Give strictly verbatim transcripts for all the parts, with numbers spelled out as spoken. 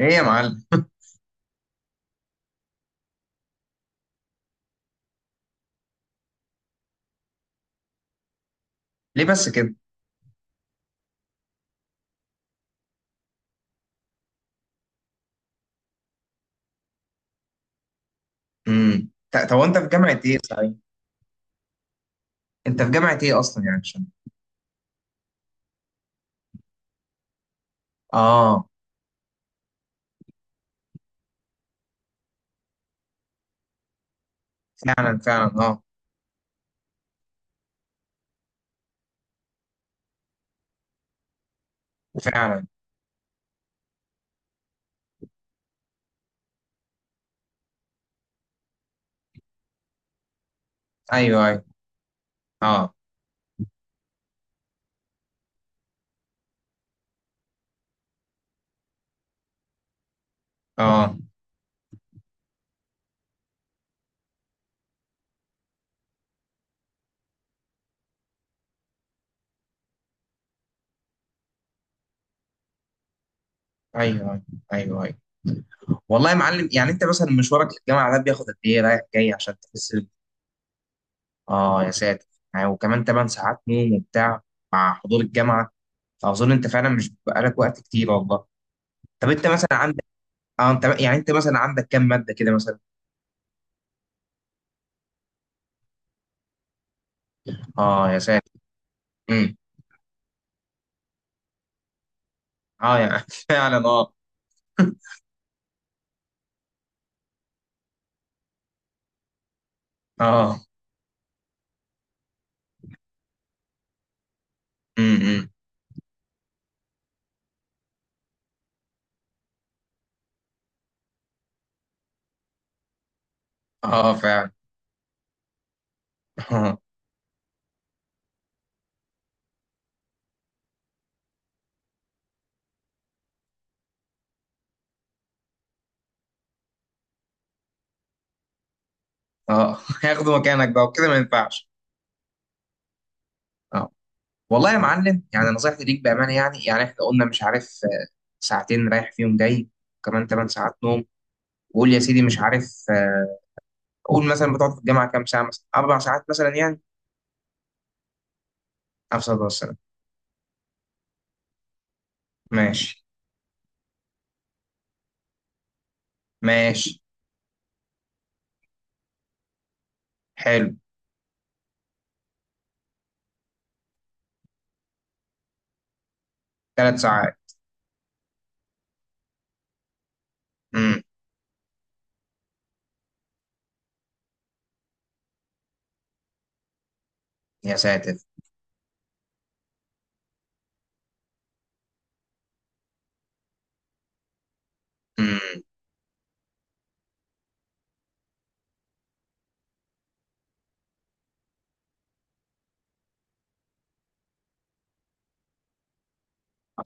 ايه يا معلم. ليه بس كده؟ امم ط- طب، وانت في جامعه ايه، صحيح؟ انت في جامعه ايه اصلا، يعني عشان... اه فعلا فعلا، اه. فعلا. ايوه ايوه. اه. اه، ايوه ايوه. ايوه ايوه. والله يا معلم، يعني انت مثلا مشوارك للجامعه ده بياخد قد ايه رايح جاي؟ عشان تحس ب- اه يا ساتر. يعني وكمان 8 ساعات نوم وبتاع، مع حضور الجامعه. فاظن انت فعلا مش بيبقى لك وقت كتير، والله. طب انت مثلا عندك... اه، انت يعني انت مثلا عندك كام ماده كده مثلا؟ اه يا ساتر. امم اه يعني فعلا، اه. اه. امم اه فعلا. اه. اه هياخدوا مكانك بقى، وكده ما ينفعش. اه والله يا معلم، يعني نصيحتي ليك بامانه، يعني يعني احنا قلنا مش عارف، آه، ساعتين رايح فيهم جاي، كمان 8 ساعات نوم، وقول يا سيدي مش عارف، آه، قول مثلا بتقعد في الجامعه كام ساعه، مثلا اربع ساعات مثلا يعني. افصل بس. ماشي ماشي. حلو. ثلاث ساعات. امم يا ساتر. امم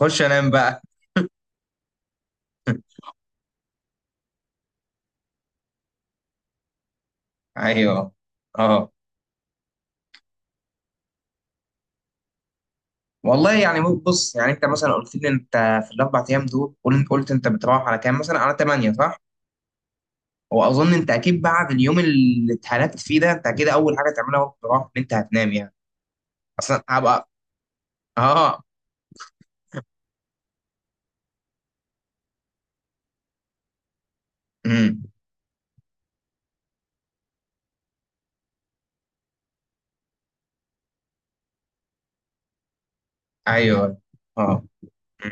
اخش انام بقى. ايوه. اه والله، يعني مو- بص، يعني انت مثلا قلت لي انت، في الاربع ايام دول قلت قلت انت بتروح على كام، مثلا على تمانية، صح؟ واظن انت اكيد بعد اليوم اللي اتهلكت فيه ده، انت اكيد اول حاجه تعملها وقت الروح ان انت هتنام يعني. اصلا هبقى... اه. امم ايوه. اه. مم.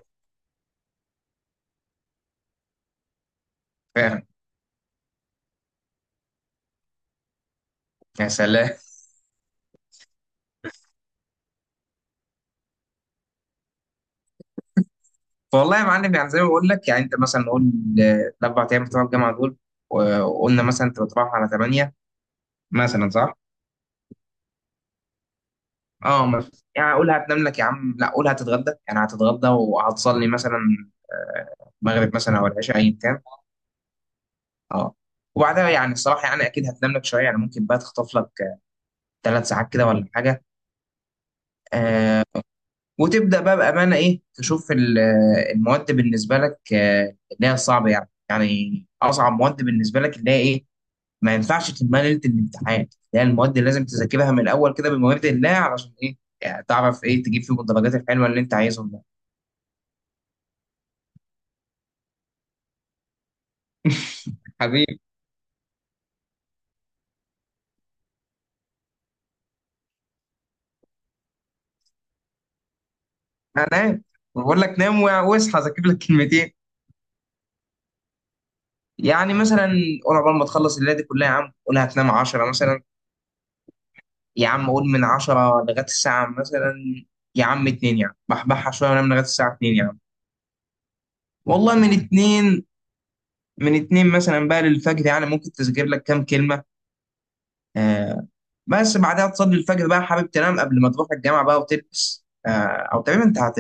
فاهم. يا سلام. والله يا معلم، يعني زي ما بقول لك، يعني انت مثلا نقول آه، الاربع ايام بتوع الجامعه دول، وقلنا مثلا انت بتروح على تمانية، مثلا صح؟ اه، ما- يعني اقول هتنام لك يا عم؟ لا، قول هتتغدى، يعني هتتغدى وهتصلي مثلا، آه، المغرب مثلا او العشاء ايا كان. اه. وبعدها يعني الصراحه، يعني اكيد هتنام لك شويه، يعني ممكن بقى تخطف لك ثلاث ساعات كده ولا حاجه. آه. وتبدا بقى بامانه ايه، تشوف ال- آه، المواد بالنسبه لك، آه، اللي هي الصعبه، يعني يعني اصعب مواد بالنسبه لك اللي هي ايه. ما ينفعش تلمها ليله الامتحان، اللي هي المواد اللي لازم تذاكرها من الاول كده بمواد الله، علشان ايه؟ يعني تعرف ايه تجيب فيهم الدرجات الحلوه اللي انت عايزهم. حبيبي. انا نام. أنا بقول لك نام، وع- واصحى اذاكر لك كلمتين. يعني مثلا، قول عقبال ما تخلص الليله دي كلها يا عم، قول هتنام عشرة مثلا. يا عم قول من عشرة لغايه الساعه مثلا، يا عم اتنين، يعني بحبحها شويه وانام لغايه الساعه اتنين يعني. والله من اتنين، من اتنين مثلا بقى للفجر، يعني ممكن تذاكر لك كام كلمه. آه. بس بعدها تصلي الفجر بقى، حابب تنام قبل ما تروح الجامعه بقى وتلبس، آه او تقريبا انت هت...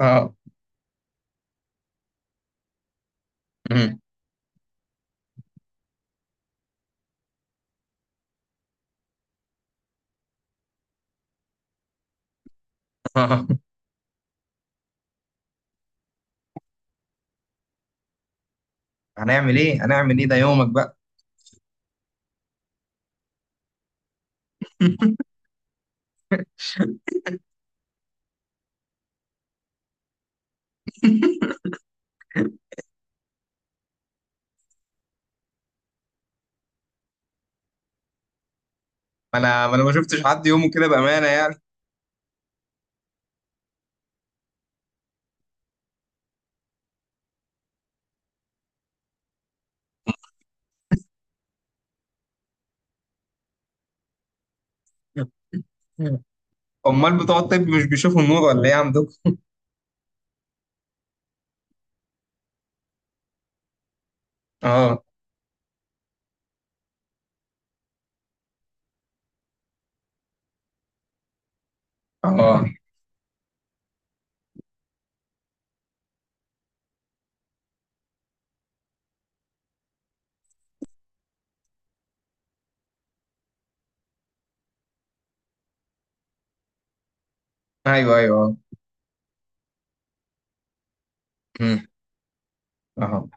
اه. مم. هنعمل ايه؟ هنعمل ايه؟ ده يومك بقى. ما انا ما انا ما شفتش حد يومه كده بامانه يعني. امال بتوع الطب مش بيشوفوا النور ولا ايه عندكم؟ اه اه. ايوه ايوه. اه. أمم، اه.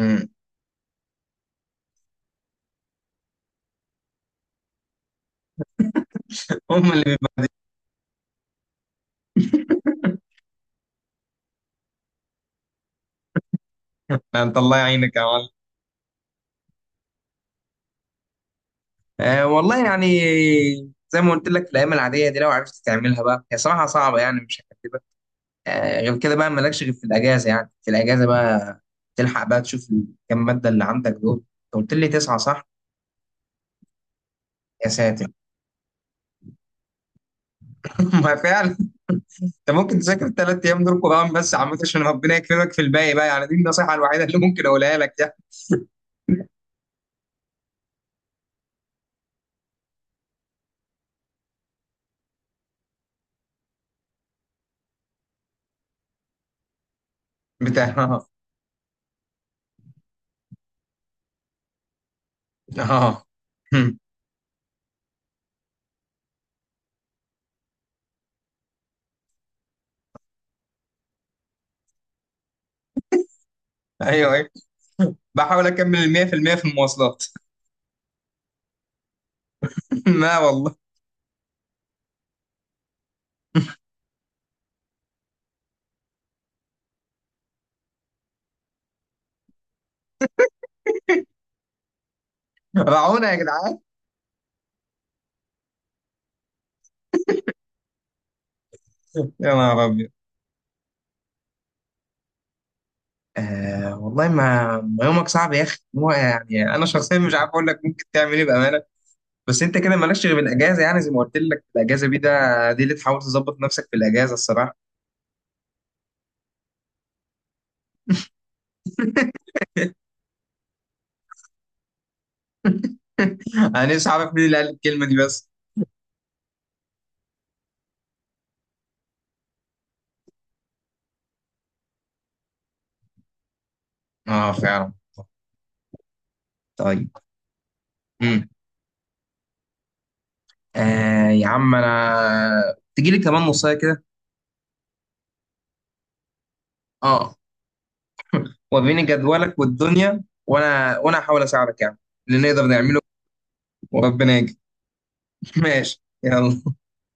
أمم. هم اللي بيبقى. انت الله يعينك يا معلم. آه والله يعني، زي ما قلت لك في الايام العاديه دي، لو عرفت تعملها بقى هي صراحه صعبه يعني، مش هكدبك. آه، غير كده بقى مالكش غير في الاجازه، يعني في الاجازه بقى تلحق بقى تشوف الكام ماده اللي عندك دول. انت قلت لي تسعه، صح؟ يا ساتر. ما فعلا. انت ممكن تذاكر الثلاث ايام دول قران بس يا عم، عشان ربنا يكرمك في الباقي بقى، يعني دي النصيحه الوحيده اللي ممكن اقولها لك يعني. بتاع اه. اه. هم. ايوه ايوه. بحاول اكمل ال ميه في الميه في المية في المواصلات. لا والله. رعونا يا جدعان. يا نهار ابيض. آه والله، ما ما يومك صعب يا اخي. هو يعني انا شخصيا مش عارف اقول لك ممكن تعمل ايه بامانه. بس انت كده مالكش غير الاجازه، يعني زي ما قلت لك الاجازه دي، ده دي اللي تحاول تظبط نفسك في الاجازه الصراحه. انا نفسي اعرف مين اللي قال الكلمه دي بس. اه فعلا. طيب. امم آه يا عم انا تجيلي كمان نصايه كده. اه، وريني جدولك والدنيا، وانا وانا هحاول اساعدك يعني اللي نقدر نعمله. وربنا يجي. ماشي يلا.